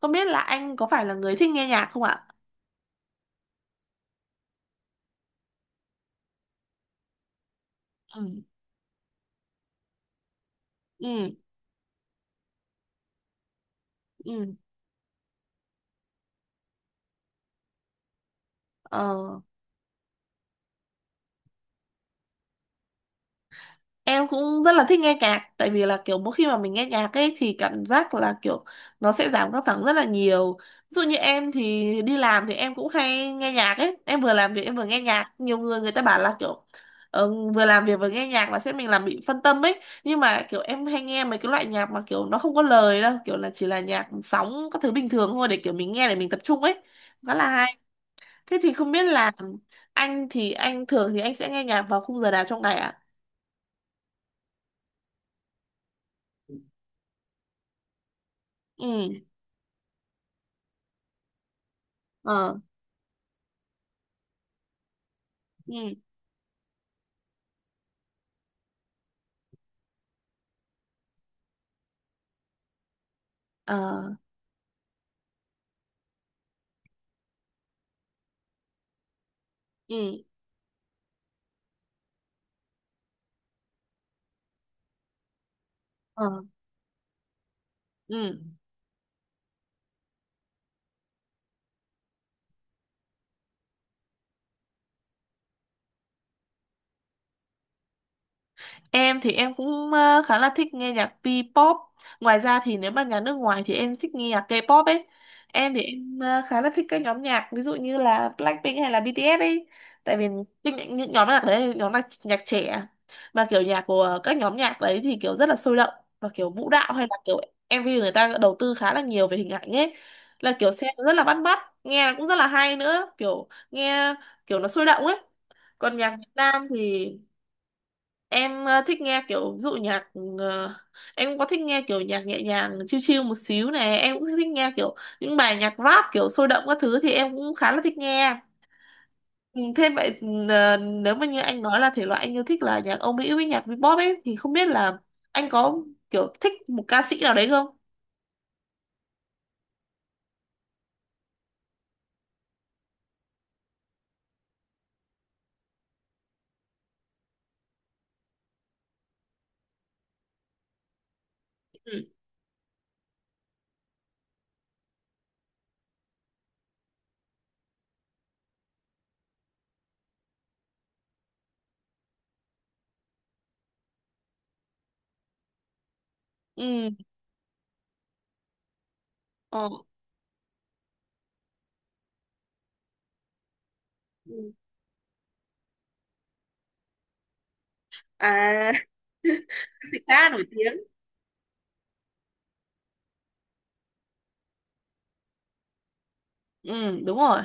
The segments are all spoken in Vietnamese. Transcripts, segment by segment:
Không biết là anh có phải là người thích nghe nhạc không ạ? ừ ừ ừ Ờ, em cũng rất là thích nghe nhạc tại vì là kiểu mỗi khi mà mình nghe nhạc ấy thì cảm giác là kiểu nó sẽ giảm căng thẳng rất là nhiều. Ví dụ như em thì đi làm thì em cũng hay nghe nhạc ấy, em vừa làm việc em vừa nghe nhạc. Nhiều người người ta bảo là kiểu vừa làm việc vừa nghe nhạc là sẽ mình làm bị phân tâm ấy. Nhưng mà kiểu em hay nghe mấy cái loại nhạc mà kiểu nó không có lời đâu, kiểu là chỉ là nhạc sóng các thứ bình thường thôi để kiểu mình nghe để mình tập trung ấy. Khá là hay. Thế thì không biết là anh thường thì anh sẽ nghe nhạc vào khung giờ nào trong ngày ạ? Ừ. ờ Ừ. Ờ. Ừ. ờ Ừ. Em thì em cũng khá là thích nghe nhạc P-pop. Ngoài ra thì nếu mà nhạc nước ngoài thì em thích nghe nhạc K-pop ấy. Em thì em khá là thích các nhóm nhạc ví dụ như là Blackpink hay là BTS ấy. Tại vì những nhóm nhạc đấy là nhóm nhạc, nhạc trẻ mà kiểu nhạc của các nhóm nhạc đấy thì kiểu rất là sôi động và kiểu vũ đạo hay là kiểu MV người ta đầu tư khá là nhiều về hình ảnh ấy. Là kiểu xem rất là bắt mắt, nghe cũng rất là hay nữa, kiểu nghe kiểu nó sôi động ấy. Còn nhạc Việt Nam thì em thích nghe kiểu ví dụ nhạc, ờ, em cũng có thích nghe kiểu nhạc nhẹ nhàng chill chill một xíu này, em cũng thích nghe kiểu những bài nhạc rap kiểu sôi động các thứ thì em cũng khá là thích nghe. Ừ, thế vậy nếu mà như anh nói là thể loại anh yêu thích là nhạc Âu Mỹ với nhạc pop ấy thì không biết là anh có kiểu thích một ca sĩ nào đấy không? Ừ. Ừ. Ờ. Ừ. À, ca nổi tiếng. Ừ, đúng rồi.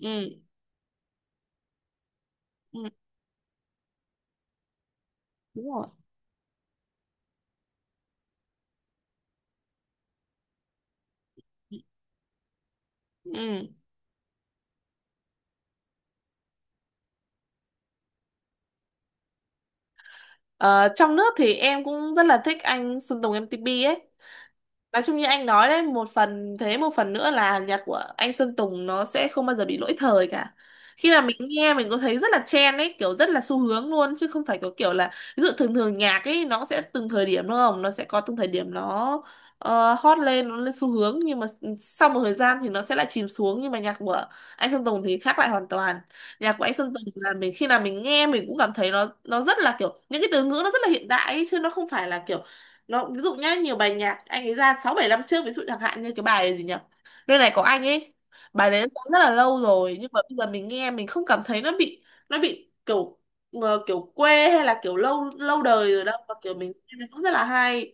Ừ. Ừ, đúng rồi. Ừ. Ờ, trong nước thì em cũng rất là thích anh Sơn Tùng M-TP ấy. Nói chung như anh nói đấy, một phần thế, một phần nữa là nhạc của anh Sơn Tùng nó sẽ không bao giờ bị lỗi thời cả. Khi là mình nghe mình có thấy rất là trend ấy, kiểu rất là xu hướng luôn chứ không phải có kiểu là ví dụ thường thường nhạc ấy nó sẽ từng thời điểm đúng không? Nó sẽ có từng thời điểm nó hot lên, nó lên xu hướng nhưng mà sau một thời gian thì nó sẽ lại chìm xuống nhưng mà nhạc của anh Sơn Tùng thì khác lại hoàn toàn. Nhạc của anh Sơn Tùng là mình khi nào mình nghe mình cũng cảm thấy nó rất là kiểu những cái từ ngữ nó rất là hiện đại ấy, chứ nó không phải là kiểu nó ví dụ nhá. Nhiều bài nhạc anh ấy ra sáu bảy năm trước ví dụ chẳng hạn như cái bài gì nhỉ, nơi này có anh ấy, bài đấy nó rất là lâu rồi nhưng mà bây giờ mình nghe mình không cảm thấy nó bị kiểu kiểu quê hay là kiểu lâu lâu đời rồi đâu mà kiểu mình nghe nó cũng rất là hay.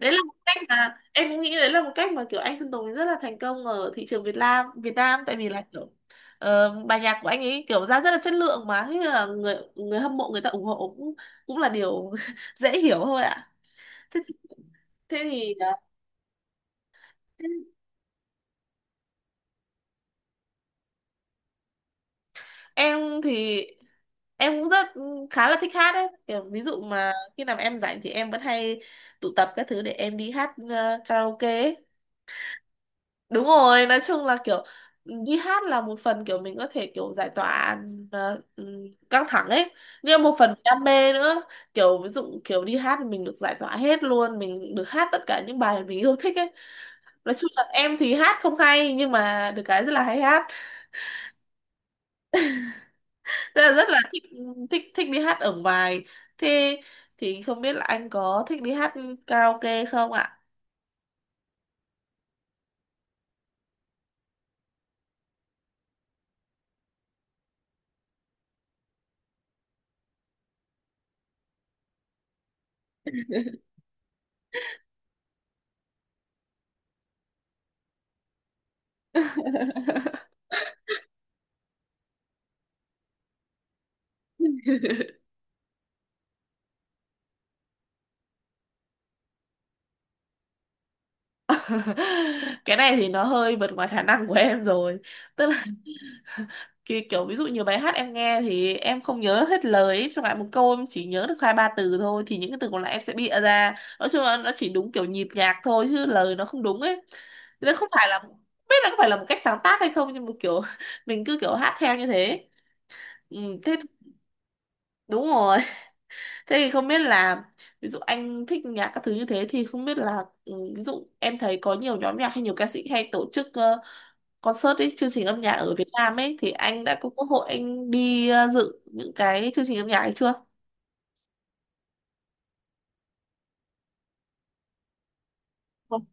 Đấy là một cách mà em cũng nghĩ đấy là một cách mà kiểu anh Sơn Tùng rất là thành công ở thị trường Việt Nam tại vì là kiểu bài nhạc của anh ấy kiểu ra rất là chất lượng mà thế là người người hâm mộ người ta ủng hộ cũng cũng là điều dễ hiểu thôi ạ. thế, thì- Thế thì em thì em cũng rất khá là thích hát đấy kiểu ví dụ mà khi nào mà em rảnh thì em vẫn hay tụ tập các thứ để em đi hát karaoke ấy. Đúng rồi, nói chung là kiểu đi hát là một phần kiểu mình có thể kiểu giải tỏa ờ, ừ, căng thẳng ấy, nhưng một phần đam mê nữa, kiểu ví dụ kiểu đi hát thì mình được giải tỏa hết luôn mình được hát tất cả những bài mình yêu thích ấy. Nói chung là em thì hát không hay nhưng mà được cái rất là hay hát, rất là thích, thích đi hát ở ngoài. Thế thì không biết là anh có thích đi hát karaoke không ạ? Cái này thì nó hơi vượt ngoài khả năng của em rồi, tức kiểu, kiểu ví dụ nhiều bài hát em nghe thì em không nhớ hết lời ấy. Chẳng hạn một câu em chỉ nhớ được hai ba từ thôi thì những cái từ còn lại em sẽ bịa ra, nói chung là nó chỉ đúng kiểu nhịp nhạc thôi chứ lời nó không đúng ấy. Thế nên không phải là không biết là có phải là một cách sáng tác hay không nhưng mà kiểu mình cứ kiểu hát theo như thế. ừ, Thế đúng rồi. Thế thì không biết là ví dụ anh thích nhạc các thứ như thế thì không biết là ví dụ em thấy có nhiều nhóm nhạc hay nhiều ca sĩ hay tổ chức concert ấy, chương trình âm nhạc ở Việt Nam ấy thì anh đã có cơ hội anh đi dự những cái chương trình âm nhạc ấy chưa? Vâng.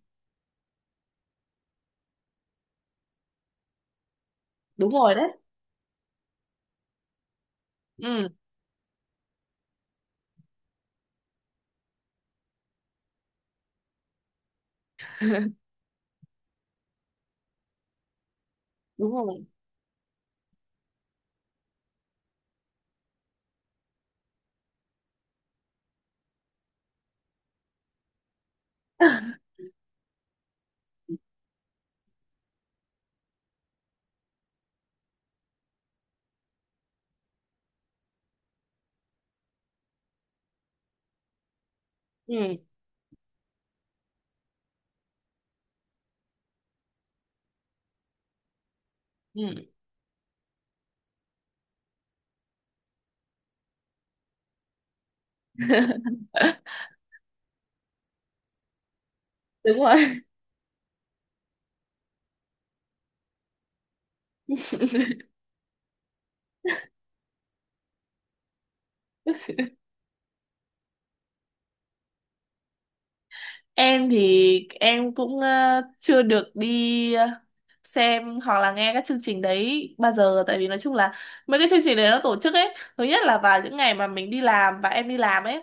Đúng rồi đấy. Ừ, đúng rồi. Ừ, ừ. Đúng rồi. Em thì em cũng chưa được đi xem hoặc là nghe các chương trình đấy bao giờ tại vì nói chung là mấy cái chương trình đấy nó tổ chức ấy thứ nhất là vào những ngày mà mình đi làm và em đi làm ấy,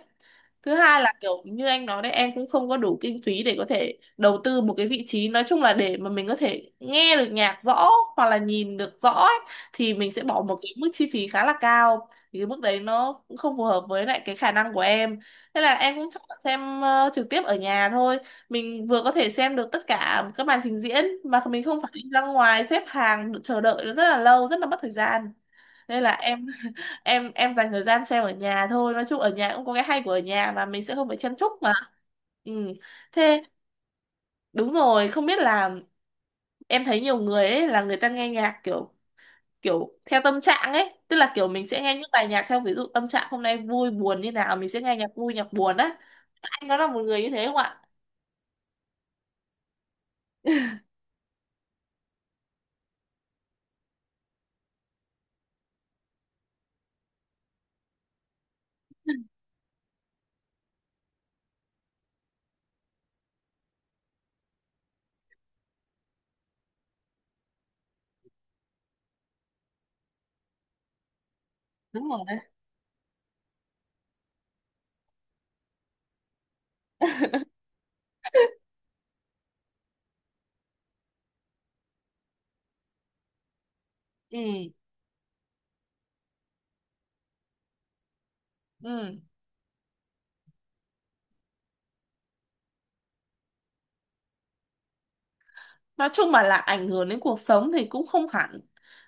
thứ hai là kiểu như anh nói đấy, em cũng không có đủ kinh phí để có thể đầu tư một cái vị trí nói chung là để mà mình có thể nghe được nhạc rõ hoặc là nhìn được rõ ấy, thì mình sẽ bỏ một cái mức chi phí khá là cao thì cái mức đấy nó cũng không phù hợp với lại cái khả năng của em. Nên là em cũng chọn xem trực tiếp ở nhà thôi, mình vừa có thể xem được tất cả các màn trình diễn mà mình không phải đi ra ngoài xếp hàng chờ đợi nó rất là lâu rất là mất thời gian. Nên là em em dành thời gian xem ở nhà thôi, nói chung ở nhà cũng có cái hay của ở nhà mà mình sẽ không phải chen chúc mà. ừ Thế đúng rồi, không biết là em thấy nhiều người ấy là người ta nghe nhạc kiểu kiểu theo tâm trạng ấy, tức là kiểu mình sẽ nghe những bài nhạc theo ví dụ tâm trạng hôm nay vui buồn như nào mình sẽ nghe nhạc vui nhạc buồn á, anh có là một người như thế không ạ? Đúng rồi đấy. ừ ừ nói chung mà là ảnh hưởng đến cuộc sống thì cũng không hẳn,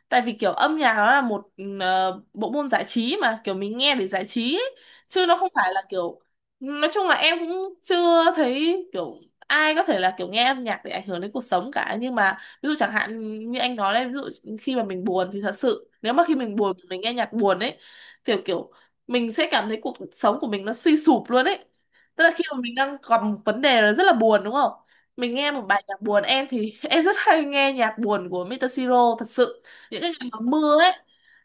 tại vì kiểu âm nhạc nó là một bộ môn giải trí mà kiểu mình nghe để giải trí ấy, chứ nó không phải là kiểu. Nói chung là em cũng chưa thấy kiểu ai có thể là kiểu nghe âm nhạc để ảnh hưởng đến cuộc sống cả, nhưng mà ví dụ chẳng hạn như anh nói đấy, ví dụ khi mà mình buồn thì thật sự nếu mà khi mình buồn mình nghe nhạc buồn ấy, kiểu kiểu mình sẽ cảm thấy cuộc sống của mình nó suy sụp luôn ấy. Tức là khi mà mình đang gặp một vấn đề nó rất là buồn đúng không, mình nghe một bài nhạc buồn, em thì em rất hay nghe nhạc buồn của Mr. Siro thật sự những cái ngày mà mưa ấy,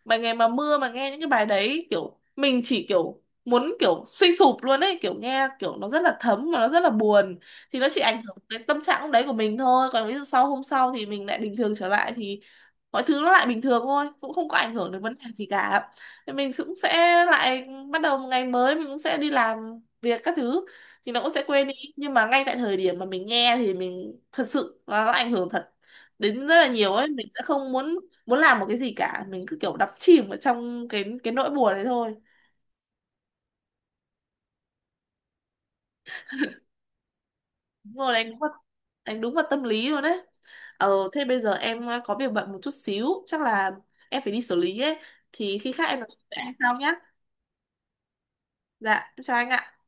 bài ngày mà mưa mà nghe những cái bài đấy kiểu mình chỉ kiểu muốn kiểu suy sụp luôn ấy, kiểu nghe kiểu nó rất là thấm mà nó rất là buồn. Thì nó chỉ ảnh hưởng đến tâm trạng lúc đấy của mình thôi, còn ví dụ sau hôm sau thì mình lại bình thường trở lại thì mọi thứ nó lại bình thường thôi, cũng không có ảnh hưởng đến vấn đề gì cả. Thì mình cũng sẽ lại bắt đầu một ngày mới mình cũng sẽ đi làm việc các thứ thì nó cũng sẽ quên đi, nhưng mà ngay tại thời điểm mà mình nghe thì mình thật sự nó ảnh hưởng thật đến rất là nhiều ấy, mình sẽ không muốn muốn làm một cái gì cả, mình cứ kiểu đắm chìm ở trong cái nỗi buồn đấy thôi. Đúng rồi, đánh đúng vào tâm lý luôn đấy. ờ Thế bây giờ em có việc bận một chút xíu chắc là em phải đi xử lý ấy, thì khi khác em nói chuyện với anh sau nhá. Dạ em chào anh ạ.